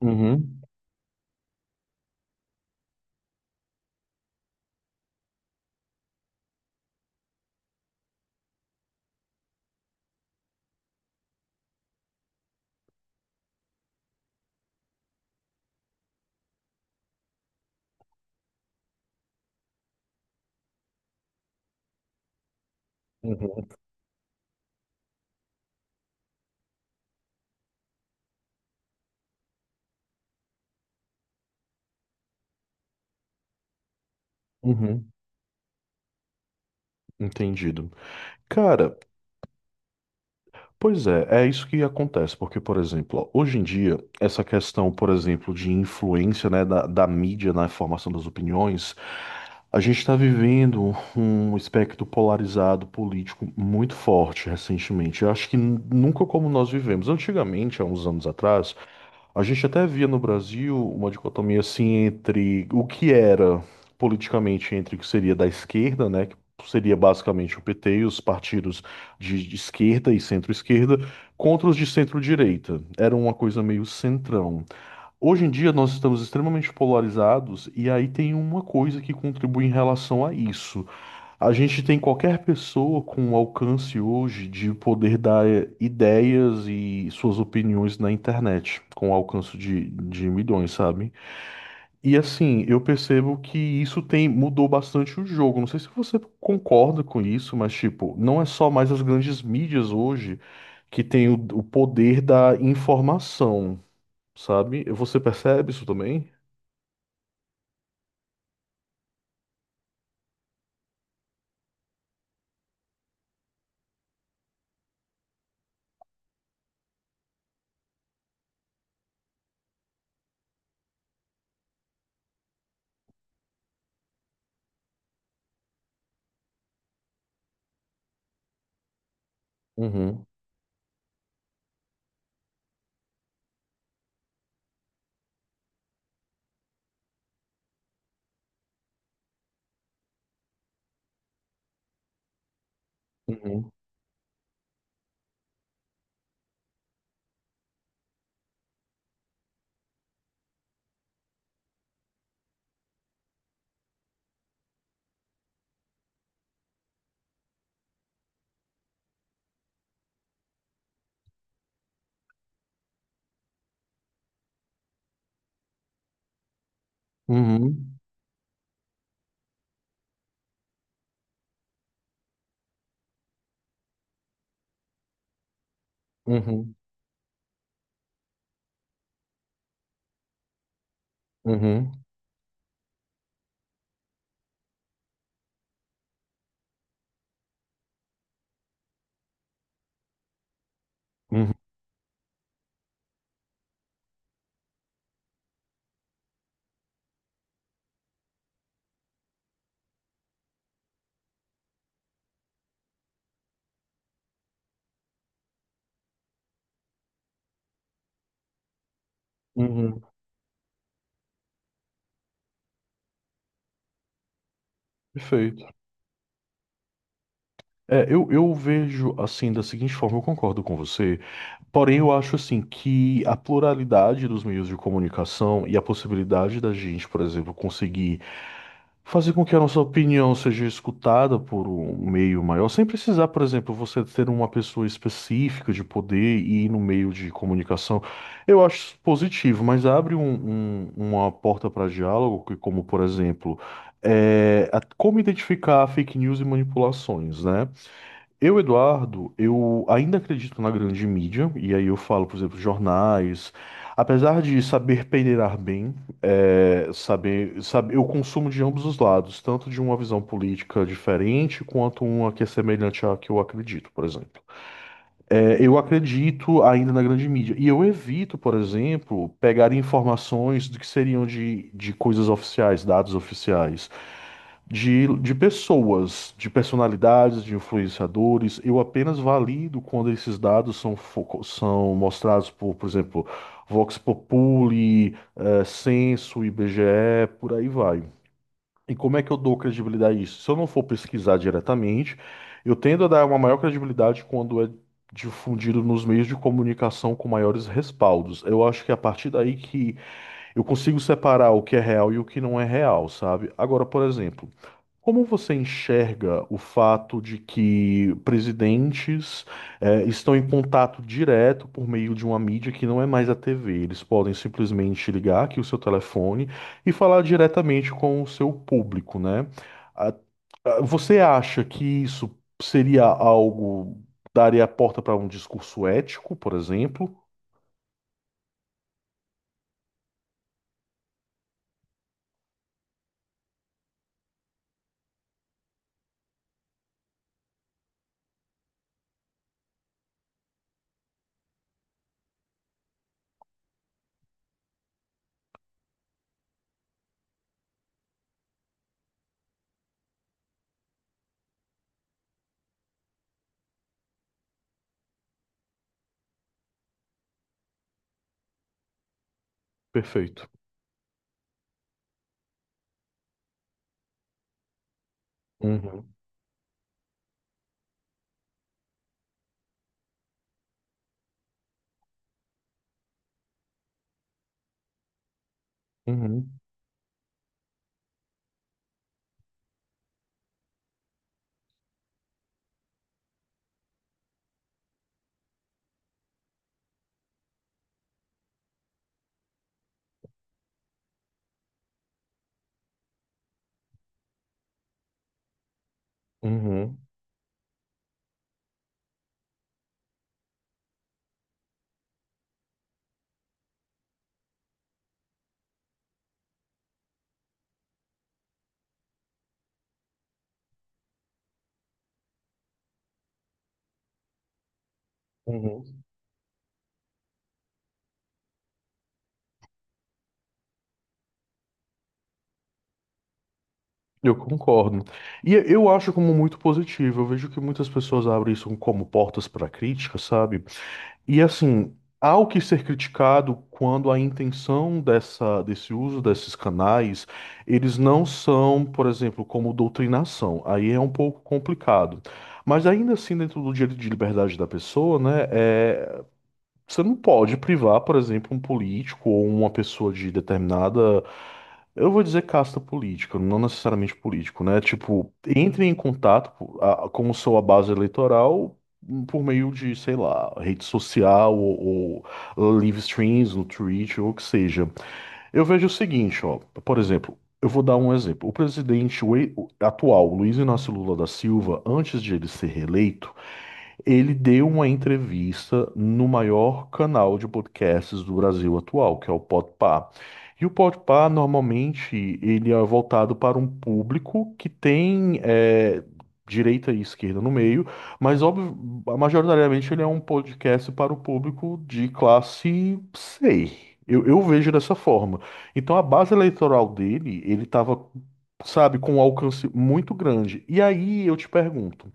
Uhum, uhum, uhum, entendido. Cara, pois é, é isso que acontece, porque, por exemplo, ó, hoje em dia, essa questão, por exemplo, de influência, né, da mídia na formação das opiniões, a gente está vivendo um espectro polarizado político muito forte recentemente. Eu acho que nunca como nós vivemos. Antigamente, há uns anos atrás, a gente até via no Brasil uma dicotomia assim entre o que era politicamente entre o que seria da esquerda, né, que seria basicamente o PT e os partidos de esquerda e centro-esquerda, contra os de centro-direita. Era uma coisa meio centrão. Hoje em dia nós estamos extremamente polarizados e aí tem uma coisa que contribui em relação a isso. A gente tem qualquer pessoa com o alcance hoje de poder dar ideias e suas opiniões na internet, com o alcance de milhões, sabe? E assim, eu percebo que isso tem mudou bastante o jogo. Não sei se você concorda com isso, mas tipo, não é só mais as grandes mídias hoje que têm o poder da informação, sabe? Você percebe isso também? Uhum, uhum, uhum, uhum, uhum, uhum, uhum. Perfeito. É, eu vejo assim da seguinte forma, eu concordo com você, porém eu acho assim que a pluralidade dos meios de comunicação e a possibilidade da gente, por exemplo, conseguir fazer com que a nossa opinião seja escutada por um meio maior, sem precisar, por exemplo, você ter uma pessoa específica de poder e ir no meio de comunicação, eu acho positivo, mas abre uma porta para diálogo, que como por exemplo, é, como identificar fake news e manipulações, né? Eu, Eduardo, eu ainda acredito na grande mídia, e aí eu falo, por exemplo, jornais. Apesar de saber peneirar bem, é, saber, eu consumo de ambos os lados, tanto de uma visão política diferente quanto uma que é semelhante à que eu acredito, por exemplo. É, eu acredito ainda na grande mídia. E eu evito, por exemplo, pegar informações do que seriam de coisas oficiais, dados oficiais, de pessoas, de personalidades, de influenciadores. Eu apenas valido quando esses dados são, são mostrados por exemplo, Vox Populi, Censo, IBGE, por aí vai. E como é que eu dou credibilidade a isso? Se eu não for pesquisar diretamente, eu tendo a dar uma maior credibilidade quando é difundido nos meios de comunicação com maiores respaldos. Eu acho que é a partir daí que eu consigo separar o que é real e o que não é real, sabe? Agora, por exemplo. Como você enxerga o fato de que presidentes estão em contato direto por meio de uma mídia que não é mais a TV? Eles podem simplesmente ligar aqui o seu telefone e falar diretamente com o seu público, né? Ah, Você acha que isso seria algo, daria a porta para um discurso ético, por exemplo? Perfeito. Uhum, uhum, uhum, uhum. Eu concordo. E eu acho como muito positivo. Eu vejo que muitas pessoas abrem isso como portas para crítica, sabe? E assim, há o que ser criticado quando a intenção dessa, desse uso desses canais, eles não são, por exemplo, como doutrinação. Aí é um pouco complicado. Mas ainda assim, dentro do direito de liberdade da pessoa, né? É, você não pode privar, por exemplo, um político ou uma pessoa de determinada, eu vou dizer casta política, não necessariamente político, né? Tipo, entre em contato com sua base eleitoral por meio de, sei lá, rede social ou live streams no Twitch ou o que seja. Eu vejo o seguinte, ó, por exemplo, eu vou dar um exemplo. O presidente o atual, Luiz Inácio Lula da Silva, antes de ele ser reeleito ele deu uma entrevista no maior canal de podcasts do Brasil atual, que é o Podpah. E o Podpah, normalmente, ele é voltado para um público que tem direita e esquerda no meio, mas óbvio, majoritariamente ele é um podcast para o público de classe C. Eu vejo dessa forma. Então a base eleitoral dele, ele estava, sabe, com um alcance muito grande. E aí eu te pergunto.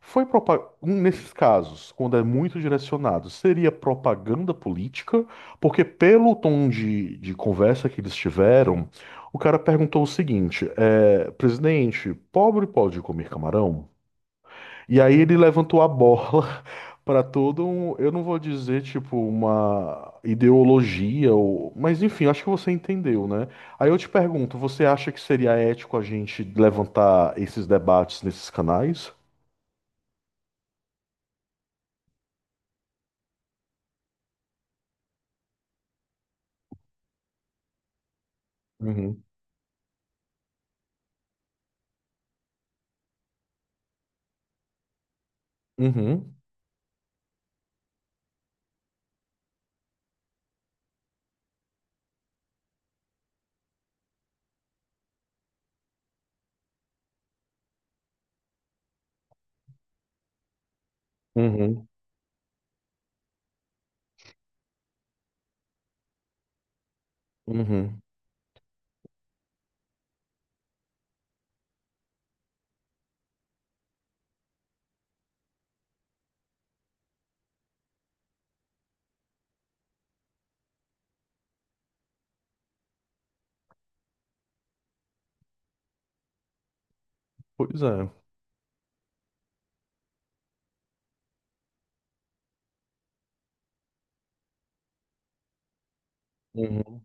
Foi nesses casos, quando é muito direcionado, seria propaganda política, porque pelo tom de conversa que eles tiveram, o cara perguntou o seguinte: é, presidente, pobre pode comer camarão? E aí ele levantou a bola para todo um, eu não vou dizer tipo uma ideologia, ou, mas enfim, acho que você entendeu, né? Aí eu te pergunto, você acha que seria ético a gente levantar esses debates nesses canais? Uhum. Uhum. Uhum, uhum. Pois é. Uhum,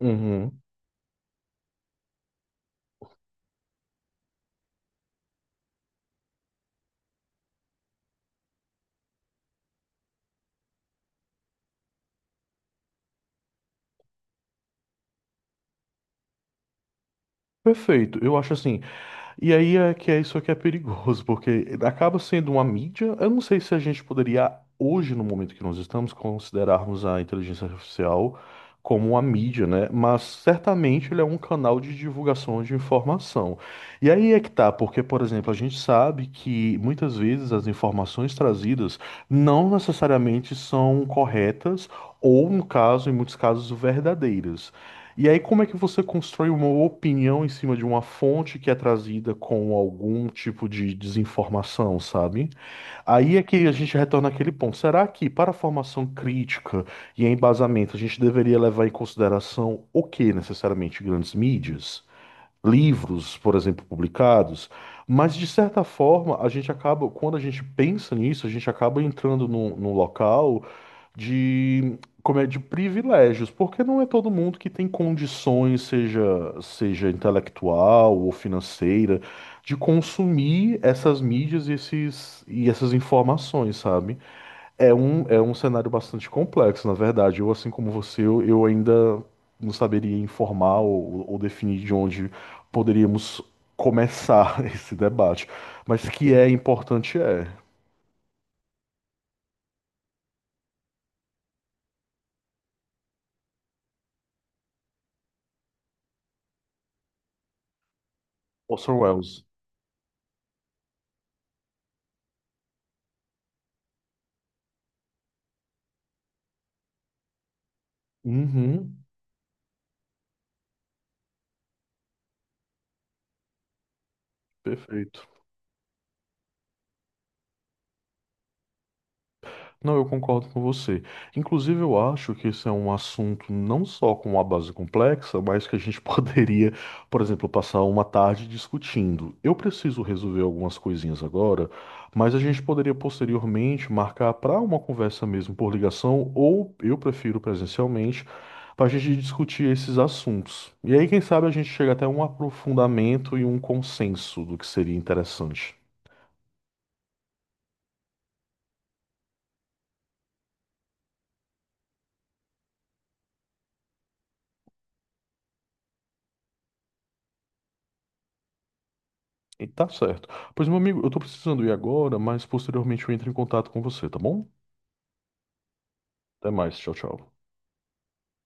uhum. Perfeito. E aí é que é isso que é perigoso, porque acaba sendo uma mídia. Eu não sei se a gente poderia, hoje, no momento que nós estamos, considerarmos a inteligência artificial como uma mídia, né? Mas certamente ele é um canal de divulgação de informação. E aí é que tá, porque, por exemplo, a gente sabe que muitas vezes as informações trazidas não necessariamente são corretas ou, no caso, em muitos casos, verdadeiras. E aí, como é que você constrói uma opinião em cima de uma fonte que é trazida com algum tipo de desinformação, sabe? Aí é que a gente retorna àquele ponto. Será que, para a formação crítica e embasamento, a gente deveria levar em consideração o que necessariamente? Grandes mídias? Livros, por exemplo, publicados, mas de certa forma a gente acaba, quando a gente pensa nisso, a gente acaba entrando num, num local de, como é, de privilégios, porque não é todo mundo que tem condições, seja, seja intelectual ou financeira, de consumir essas mídias e, esses, e essas informações, sabe? É um cenário bastante complexo, na verdade. Eu, assim como você, eu ainda não saberia informar ou definir de onde poderíamos começar esse debate. Mas que é importante é. Orson Welles. Uhum, perfeito. Não, eu concordo com você. Inclusive, eu acho que esse é um assunto não só com uma base complexa, mas que a gente poderia, por exemplo, passar uma tarde discutindo. Eu preciso resolver algumas coisinhas agora, mas a gente poderia posteriormente marcar para uma conversa mesmo por ligação, ou eu prefiro presencialmente, para a gente discutir esses assuntos. E aí, quem sabe, a gente chega até um aprofundamento e um consenso do que seria interessante. E tá certo. Pois, meu amigo, eu tô precisando ir agora, mas posteriormente eu entro em contato com você, tá bom? Até mais, tchau, tchau.